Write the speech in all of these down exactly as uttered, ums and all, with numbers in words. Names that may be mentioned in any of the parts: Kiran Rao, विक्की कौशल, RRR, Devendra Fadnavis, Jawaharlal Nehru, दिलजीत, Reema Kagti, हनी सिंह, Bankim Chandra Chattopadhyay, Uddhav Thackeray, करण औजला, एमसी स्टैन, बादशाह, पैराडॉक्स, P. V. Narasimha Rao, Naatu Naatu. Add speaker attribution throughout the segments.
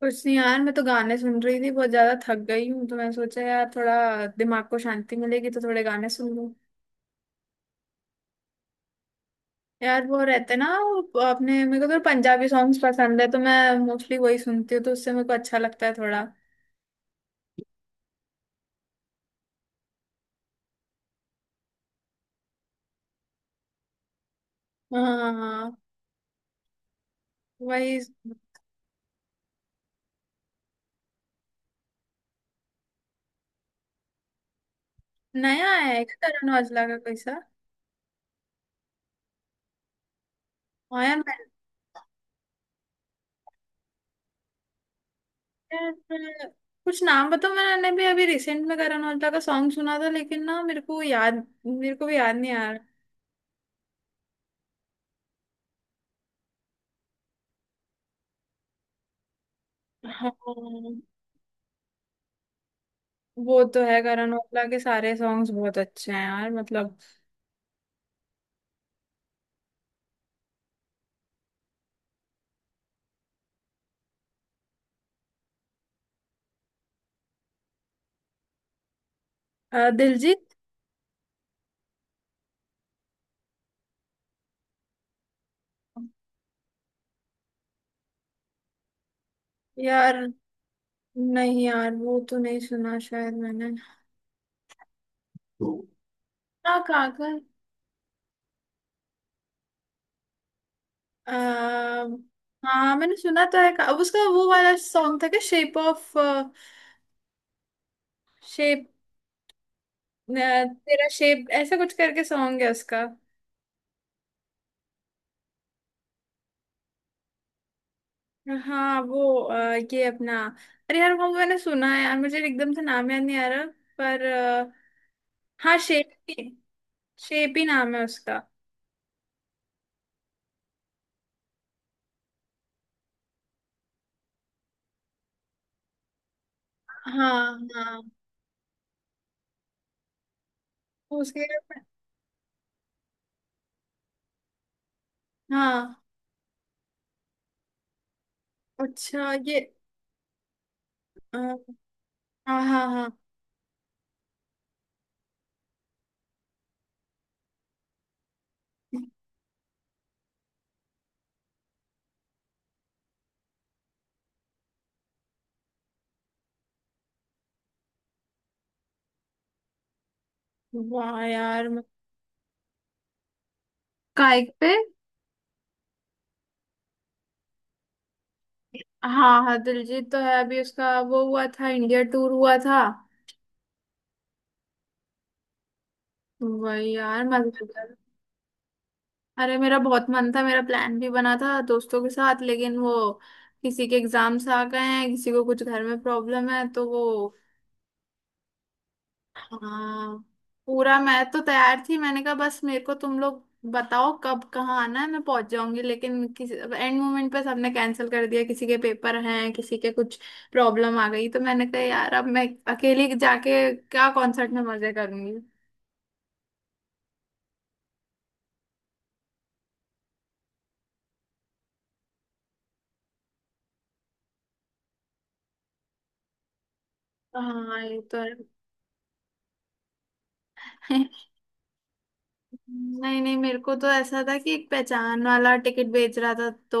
Speaker 1: कुछ नहीं यार, मैं तो गाने सुन रही थी। बहुत ज्यादा थक गई हूँ तो मैं सोचा यार थोड़ा दिमाग को शांति मिलेगी तो थोड़े गाने सुन लूँ। यार वो रहते ना, वो अपने, मेरे को तो पंजाबी सॉन्ग्स पसंद है तो मैं मोस्टली वही सुनती हूँ, तो उससे मेरे को अच्छा लगता है थोड़ा। हाँ, हाँ, हाँ। हाँ। वही। नया है क्या करण औजला का कोई सा? हाँ यार, मैंने। मैंने- कुछ नाम बताओ, मैंने भी अभी रिसेंट में करण औजला का सॉन्ग सुना था लेकिन ना मेरे को याद। मेरे को भी याद नहीं आ रहा। हाँ, वो तो है। करण औजला के सारे सॉन्ग्स बहुत अच्छे हैं यार मतलब। अ, दिलजीत। यार नहीं यार, वो तो नहीं सुना शायद मैंने। हाँ काकर। अ, हाँ मैंने सुना तो है का, अब उसका वो वाला सॉन्ग था क्या, शेप ऑफ। शेप। तेरा शेप ऐसा कुछ करके सॉन्ग है उसका। हाँ वो अ, ये अपना, अरे यार वो मैंने सुना है यार, मुझे एकदम से नाम याद नहीं आ रहा। पर अ, हाँ शेप। शेप ही नाम है उसका। हाँ हाँ। तो उसके। हाँ। अच्छा ये अ, हाँ, हाँ, हाँ। वाह यार म- काइक पे? हाँ हाँ, दिलजीत तो है। अभी उसका वो हुआ था, इंडिया टूर हुआ था। वही यार, मजेदार। अरे मेरा बहुत मन था, मेरा प्लान भी बना था दोस्तों के साथ, लेकिन वो किसी के एग्जाम्स आ गए हैं, किसी को कुछ घर में प्रॉब्लम है तो वो। हाँ। पूरा मैं तो तैयार थी। मैंने कहा बस मेरे को तुम लोग बताओ कब कहाँ आना है, मैं पहुंच जाऊंगी। लेकिन किसी एंड मोमेंट पे सबने कैंसिल कर दिया। किसी के पेपर हैं, किसी के कुछ प्रॉब्लम आ गई। तो मैंने कहा यार अब मैं अकेली जाके क्या कॉन्सर्ट में मजे करूंगी। हाँ, ये तो है। नहीं नहीं, मेरे को तो ऐसा था कि एक पहचान वाला टिकट बेच रहा था, तो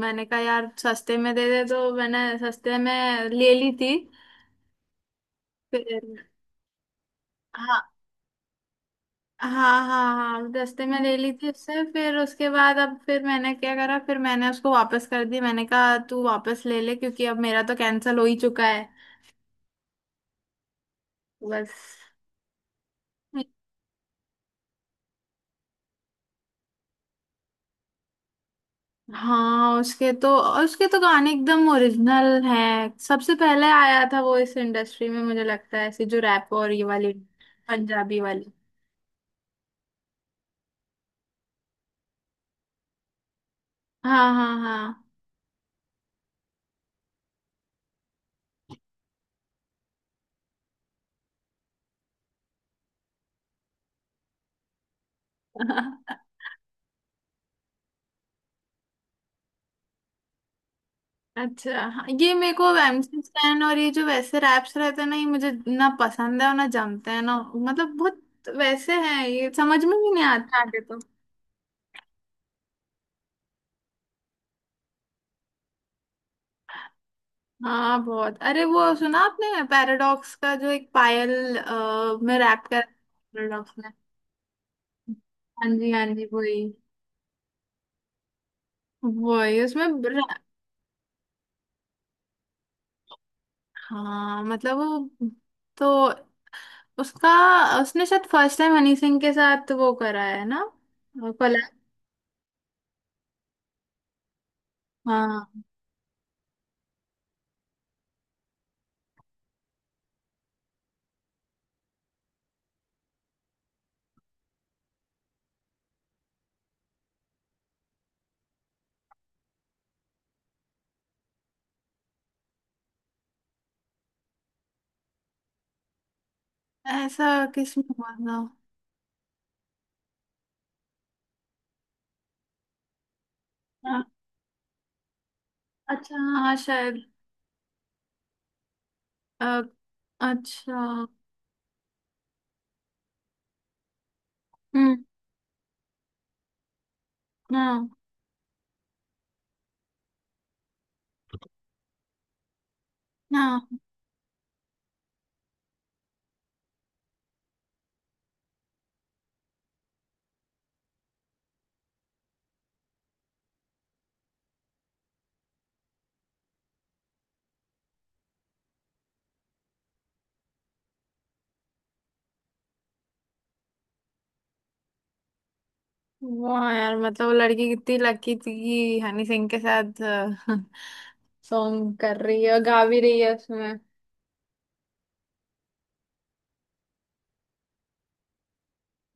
Speaker 1: मैंने कहा यार सस्ते में दे दे, तो मैंने सस्ते में ले ली थी। फिर। हाँ। हाँ। हाँ हाँ, दस्ते में ले ली थी उससे। फिर उसके बाद अब फिर मैंने क्या करा, फिर मैंने उसको वापस कर दी। मैंने कहा तू वापस ले ले क्योंकि अब मेरा तो कैंसिल हो ही चुका है। बस। हाँ, उसके तो। और उसके तो गाने एकदम ओरिजिनल हैं। सबसे पहले आया था वो इस इंडस्ट्री में मुझे लगता है, ऐसी जो रैप और ये वाली पंजाबी वाली। हाँ हाँ। हाँ। अच्छा, हाँ, ये मेरे को एमसी स्टैन और ये जो वैसे रैप्स रहते हैं ना, ये मुझे ना पसंद है और ना जमते हैं ना। मतलब बहुत वैसे हैं ये, समझ में भी नहीं आते आगे तो। हाँ बहुत। अरे वो सुना आपने पैराडॉक्स का, जो एक पायल अ, में रैप कर पैराडॉक्स ने। हाँ जी, हाँ जी, वही। वही उसमें ब्र- हाँ मतलब वो। तो। उसका। उसने शायद फर्स्ट टाइम हनी सिंह के साथ वो करा है ना, कोलैब। हाँ। ऐसा किसमें हुआ था? हाँ। अच्छा हाँ शायद अ, अच्छा। हम्म। हाँ। हाँ। वाह यार, मतलब वो लड़की कितनी लकी थी कि हनी सिंह के साथ सॉन्ग कर रही है और गा भी रही है उसमें।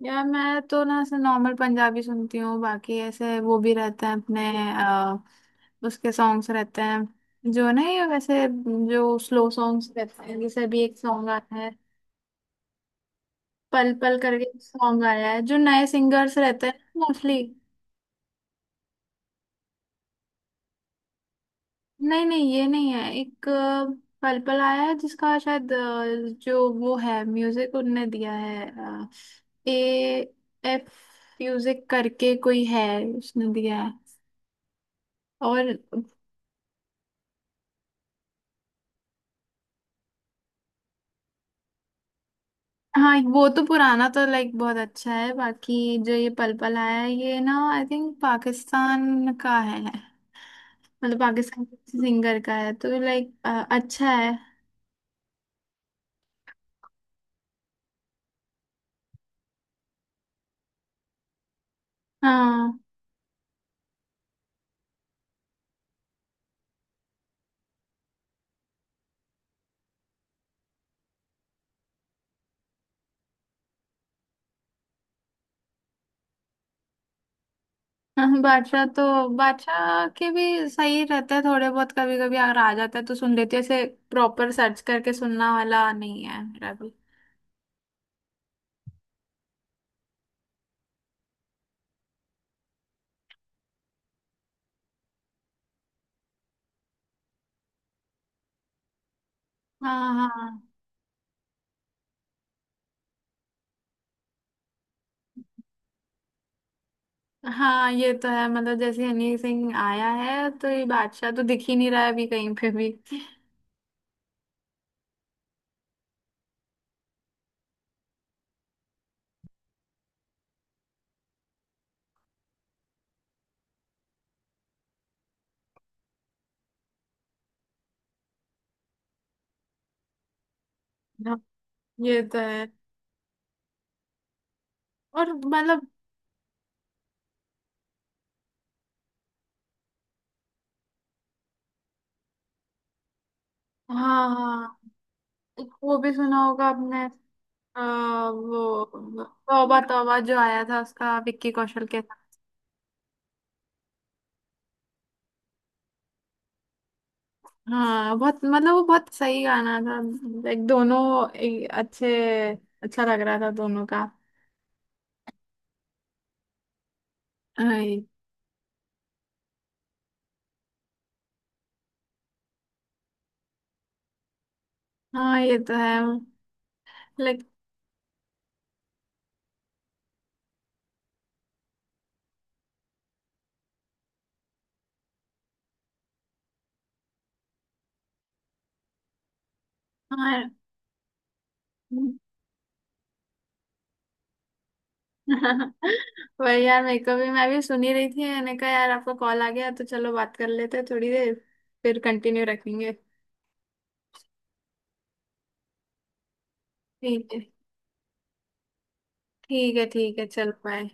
Speaker 1: यार मैं तो ना ऐसे नॉर्मल पंजाबी सुनती हूँ। बाकी ऐसे वो भी रहते हैं अपने अ, उसके सॉन्ग्स रहते हैं जो ना, ये वैसे जो स्लो सॉन्ग्स रहते हैं। जैसे अभी एक सॉन्ग आया है, पल पल करके सॉन्ग आया है, जो नए सिंगर्स रहते हैं मोस्टली। नहीं नहीं, ये नहीं है। एक अ, पल पल आया है जिसका शायद अ, जो वो है, म्यूजिक उनने दिया है। अ, ए, एफ म्यूजिक करके कोई है, उसने दिया है। और। हाँ, वो तो पुराना तो लाइक बहुत अच्छा है। बाकी जो ये पल पल आया है ये ना आई थिंक पाकिस्तान का है। मतलब पाकिस्तान सिंगर का है, तो लाइक अच्छा है। हाँ। हाँ, बादशाह तो। बादशाह के भी सही रहते हैं थोड़े बहुत। कभी कभी अगर आ जाता है तो सुन लेती हूँ ऐसे। प्रॉपर सर्च करके सुनना वाला नहीं है मेरा भी। हाँ। हाँ। हाँ, ये तो है। मतलब जैसे हनी सिंह आया है तो ये बादशाह तो दिख ही नहीं रहा है अभी कहीं पे भी। हाँ, ये तो है। और मतलब। हाँ हाँ। एक वो भी सुना होगा आपने। आ, वो तौबा तौबा जो आया था, उसका विक्की कौशल के। हाँ बहुत। मतलब वो बहुत सही गाना था। लाइक दोनों एक अच्छे, अच्छा लग रहा था दोनों का। हाँ ये। हाँ, ये तो है लाइक। हाँ। वही यार, मेरे को भी, मैं भी सुनी रही थी। मैंने कहा यार आपका कॉल आ गया तो चलो बात कर लेते हैं थोड़ी देर, फिर कंटिन्यू रखेंगे। ठीक है। ठीक है, ठीक है, चलो, बाय।